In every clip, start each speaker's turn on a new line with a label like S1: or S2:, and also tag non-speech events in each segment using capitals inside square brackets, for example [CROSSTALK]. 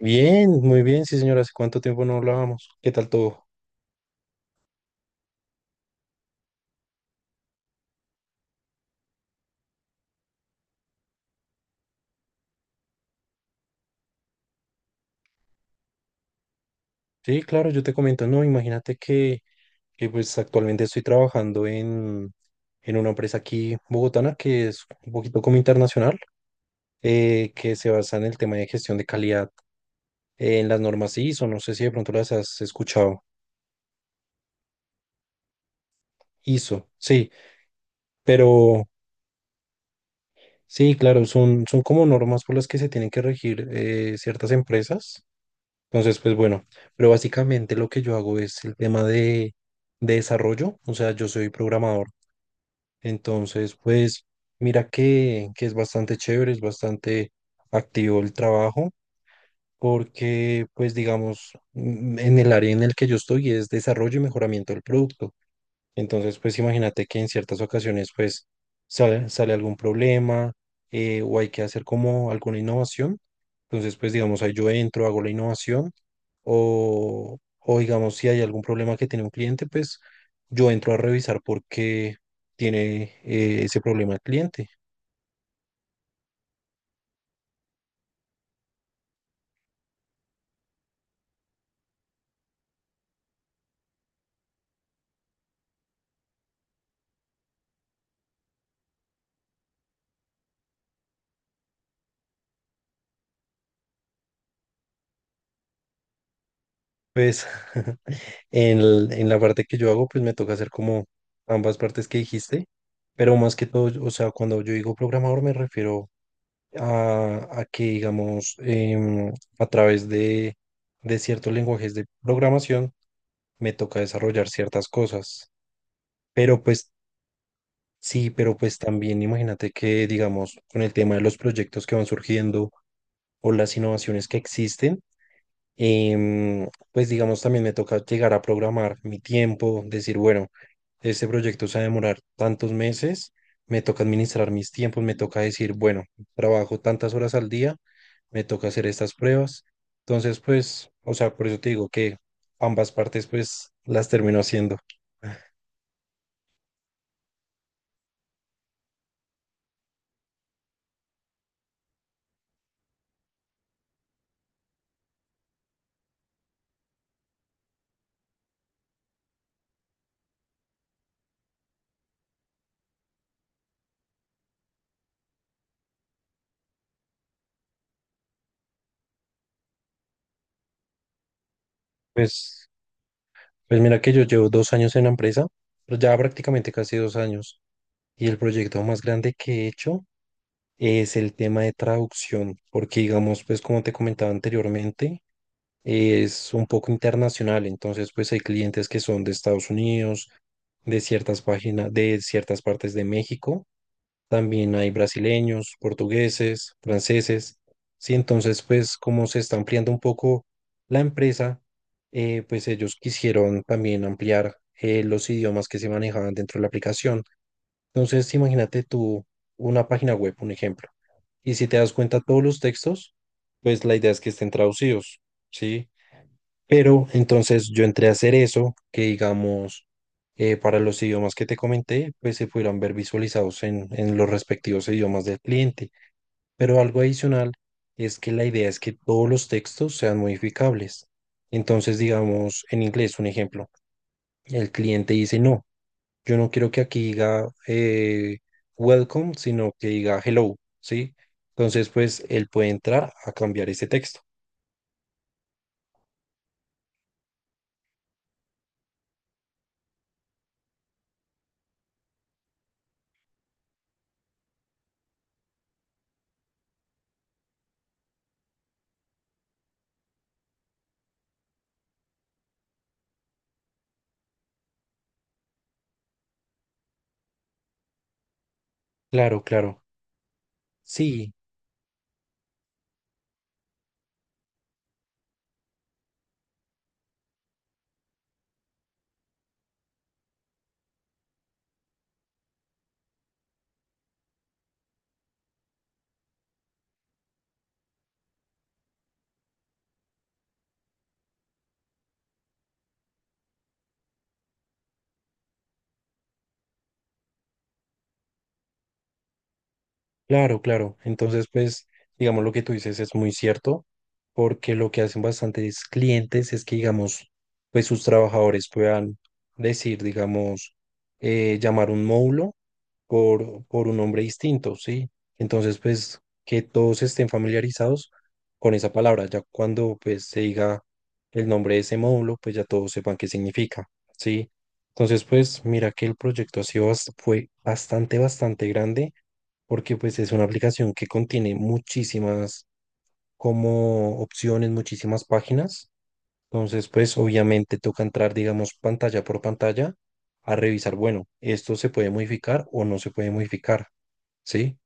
S1: Bien, muy bien, sí señora, ¿hace cuánto tiempo no hablábamos? ¿Qué tal todo? Sí, claro, yo te comento, no, imagínate que, pues actualmente estoy trabajando en una empresa aquí bogotana que es un poquito como internacional, que se basa en el tema de gestión de calidad, en las normas ISO. No sé si de pronto las has escuchado. ISO, sí, pero sí, claro, son como normas por las que se tienen que regir ciertas empresas. Entonces, pues bueno, pero básicamente lo que yo hago es el tema de desarrollo, o sea, yo soy programador. Entonces, pues mira que es bastante chévere, es bastante activo el trabajo, porque pues digamos, en el área en el que yo estoy es desarrollo y mejoramiento del producto. Entonces, pues imagínate que en ciertas ocasiones, pues sale algún problema, o hay que hacer como alguna innovación. Entonces, pues digamos, ahí yo entro, hago la innovación o digamos, si hay algún problema que tiene un cliente, pues yo entro a revisar por qué tiene ese problema el cliente. Pues [LAUGHS] en la parte que yo hago, pues me toca hacer como ambas partes que dijiste, pero más que todo, o sea, cuando yo digo programador me refiero a que, digamos, a través de ciertos lenguajes de programación me toca desarrollar ciertas cosas. Pero pues sí, pero pues también imagínate que, digamos, con el tema de los proyectos que van surgiendo o las innovaciones que existen, pues digamos, también me toca llegar a programar mi tiempo, decir, bueno, este proyecto se va a demorar tantos meses, me toca administrar mis tiempos, me toca decir, bueno, trabajo tantas horas al día, me toca hacer estas pruebas. Entonces, pues, o sea, por eso te digo que ambas partes, pues, las termino haciendo. Pues, pues mira que yo llevo dos años en la empresa, pero ya prácticamente casi dos años, y el proyecto más grande que he hecho es el tema de traducción, porque digamos, pues como te comentaba anteriormente, es un poco internacional, entonces pues hay clientes que son de Estados Unidos, de ciertas páginas, de ciertas partes de México, también hay brasileños, portugueses, franceses, sí, entonces pues como se está ampliando un poco la empresa, pues ellos quisieron también ampliar los idiomas que se manejaban dentro de la aplicación. Entonces, imagínate tú una página web, un ejemplo. Y si te das cuenta, todos los textos, pues la idea es que estén traducidos, ¿sí? Pero entonces yo entré a hacer eso, que digamos, para los idiomas que te comenté, pues se pudieran ver visualizados en los respectivos idiomas del cliente. Pero algo adicional es que la idea es que todos los textos sean modificables. Entonces, digamos, en inglés, un ejemplo, el cliente dice no. Yo no quiero que aquí diga welcome, sino que diga hello, ¿sí? Entonces, pues él puede entrar a cambiar ese texto. Claro, claro. Sí. Claro, claro. Entonces, pues, digamos, lo que tú dices es muy cierto, porque lo que hacen bastantes clientes es que, digamos, pues sus trabajadores puedan decir, digamos, llamar un módulo por un nombre distinto, ¿sí? Entonces, pues, que todos estén familiarizados con esa palabra. Ya cuando, pues, se diga el nombre de ese módulo, pues ya todos sepan qué significa, ¿sí? Entonces, pues, mira que el proyecto ha sido, fue bastante, bastante grande porque pues es una aplicación que contiene muchísimas como opciones, muchísimas páginas. Entonces, pues obviamente toca entrar, digamos, pantalla por pantalla a revisar, bueno, esto se puede modificar o no se puede modificar, ¿sí?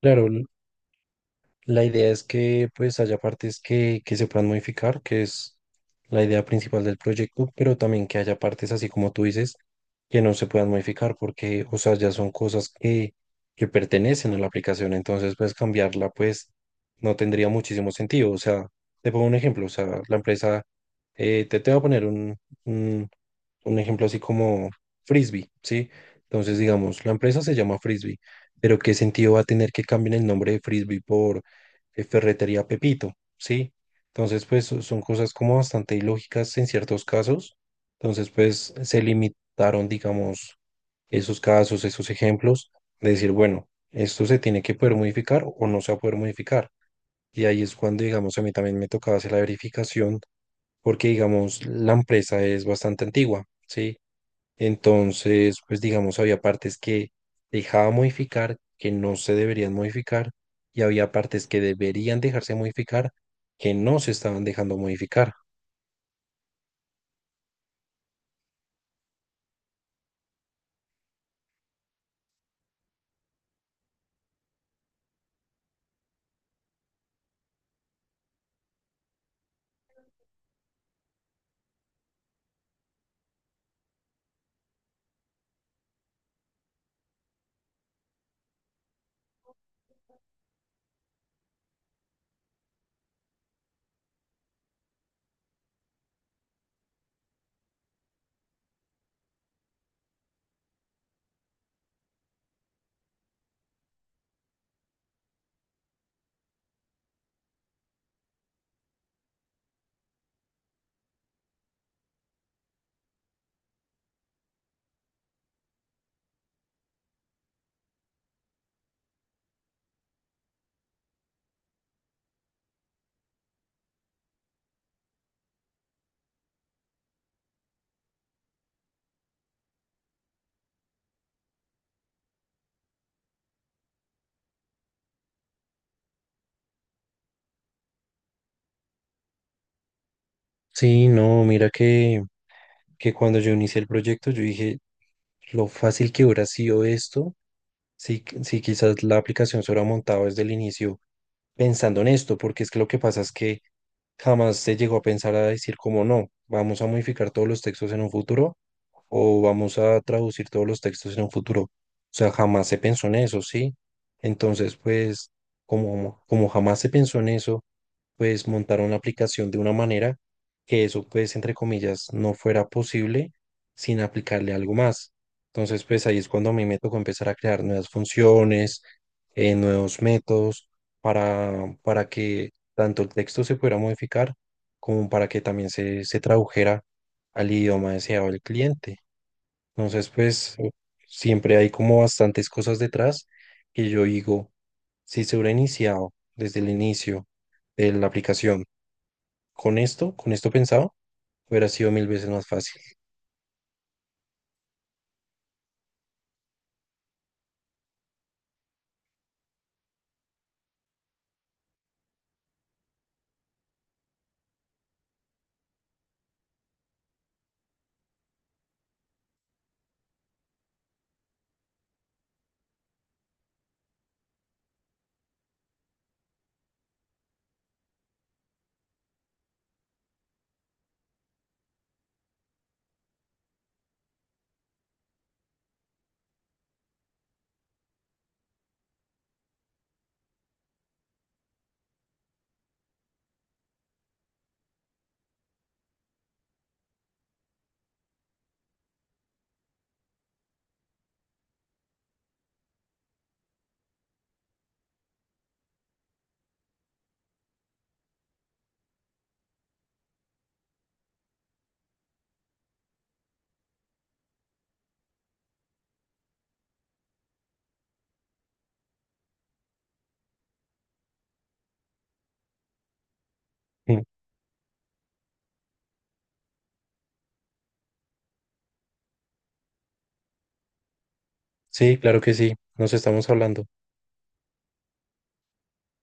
S1: Claro, la idea es que pues haya partes que se puedan modificar, que es la idea principal del proyecto, pero también que haya partes, así como tú dices, que no se puedan modificar porque, o sea, ya son cosas que pertenecen a la aplicación, entonces pues cambiarla pues no tendría muchísimo sentido. O sea, te pongo un ejemplo, o sea, la empresa, te voy a poner un, un ejemplo así como Frisbee, ¿sí? Entonces, digamos, la empresa se llama Frisbee, pero ¿qué sentido va a tener que cambien el nombre de Frisbee por Ferretería Pepito, ¿sí? Entonces, pues son cosas como bastante ilógicas en ciertos casos. Entonces, pues se limitaron, digamos, esos casos, esos ejemplos, de decir, bueno, esto se tiene que poder modificar o no se va a poder modificar. Y ahí es cuando, digamos, a mí también me tocaba hacer la verificación, porque, digamos, la empresa es bastante antigua, ¿sí? Entonces, pues digamos, había partes que dejaba modificar, que no se deberían modificar, y había partes que deberían dejarse modificar, que no se estaban dejando modificar. Sí, no, mira que cuando yo inicié el proyecto, yo dije, lo fácil que hubiera sido esto, si quizás la aplicación se hubiera montado desde el inicio pensando en esto, porque es que lo que pasa es que jamás se llegó a pensar a decir como no, vamos a modificar todos los textos en un futuro o vamos a traducir todos los textos en un futuro. O sea, jamás se pensó en eso, ¿sí? Entonces, pues, como jamás se pensó en eso, pues montaron la aplicación de una manera que eso, pues, entre comillas, no fuera posible sin aplicarle algo más. Entonces, pues ahí es cuando a mí me tocó empezar a crear nuevas funciones, nuevos métodos para que tanto el texto se pudiera modificar como para que también se tradujera al idioma deseado del cliente. Entonces, pues, siempre hay como bastantes cosas detrás que yo digo, si se hubiera iniciado desde el inicio de la aplicación, con esto pensado, hubiera sido mil veces más fácil. Mm. Sí, claro que sí, nos estamos hablando.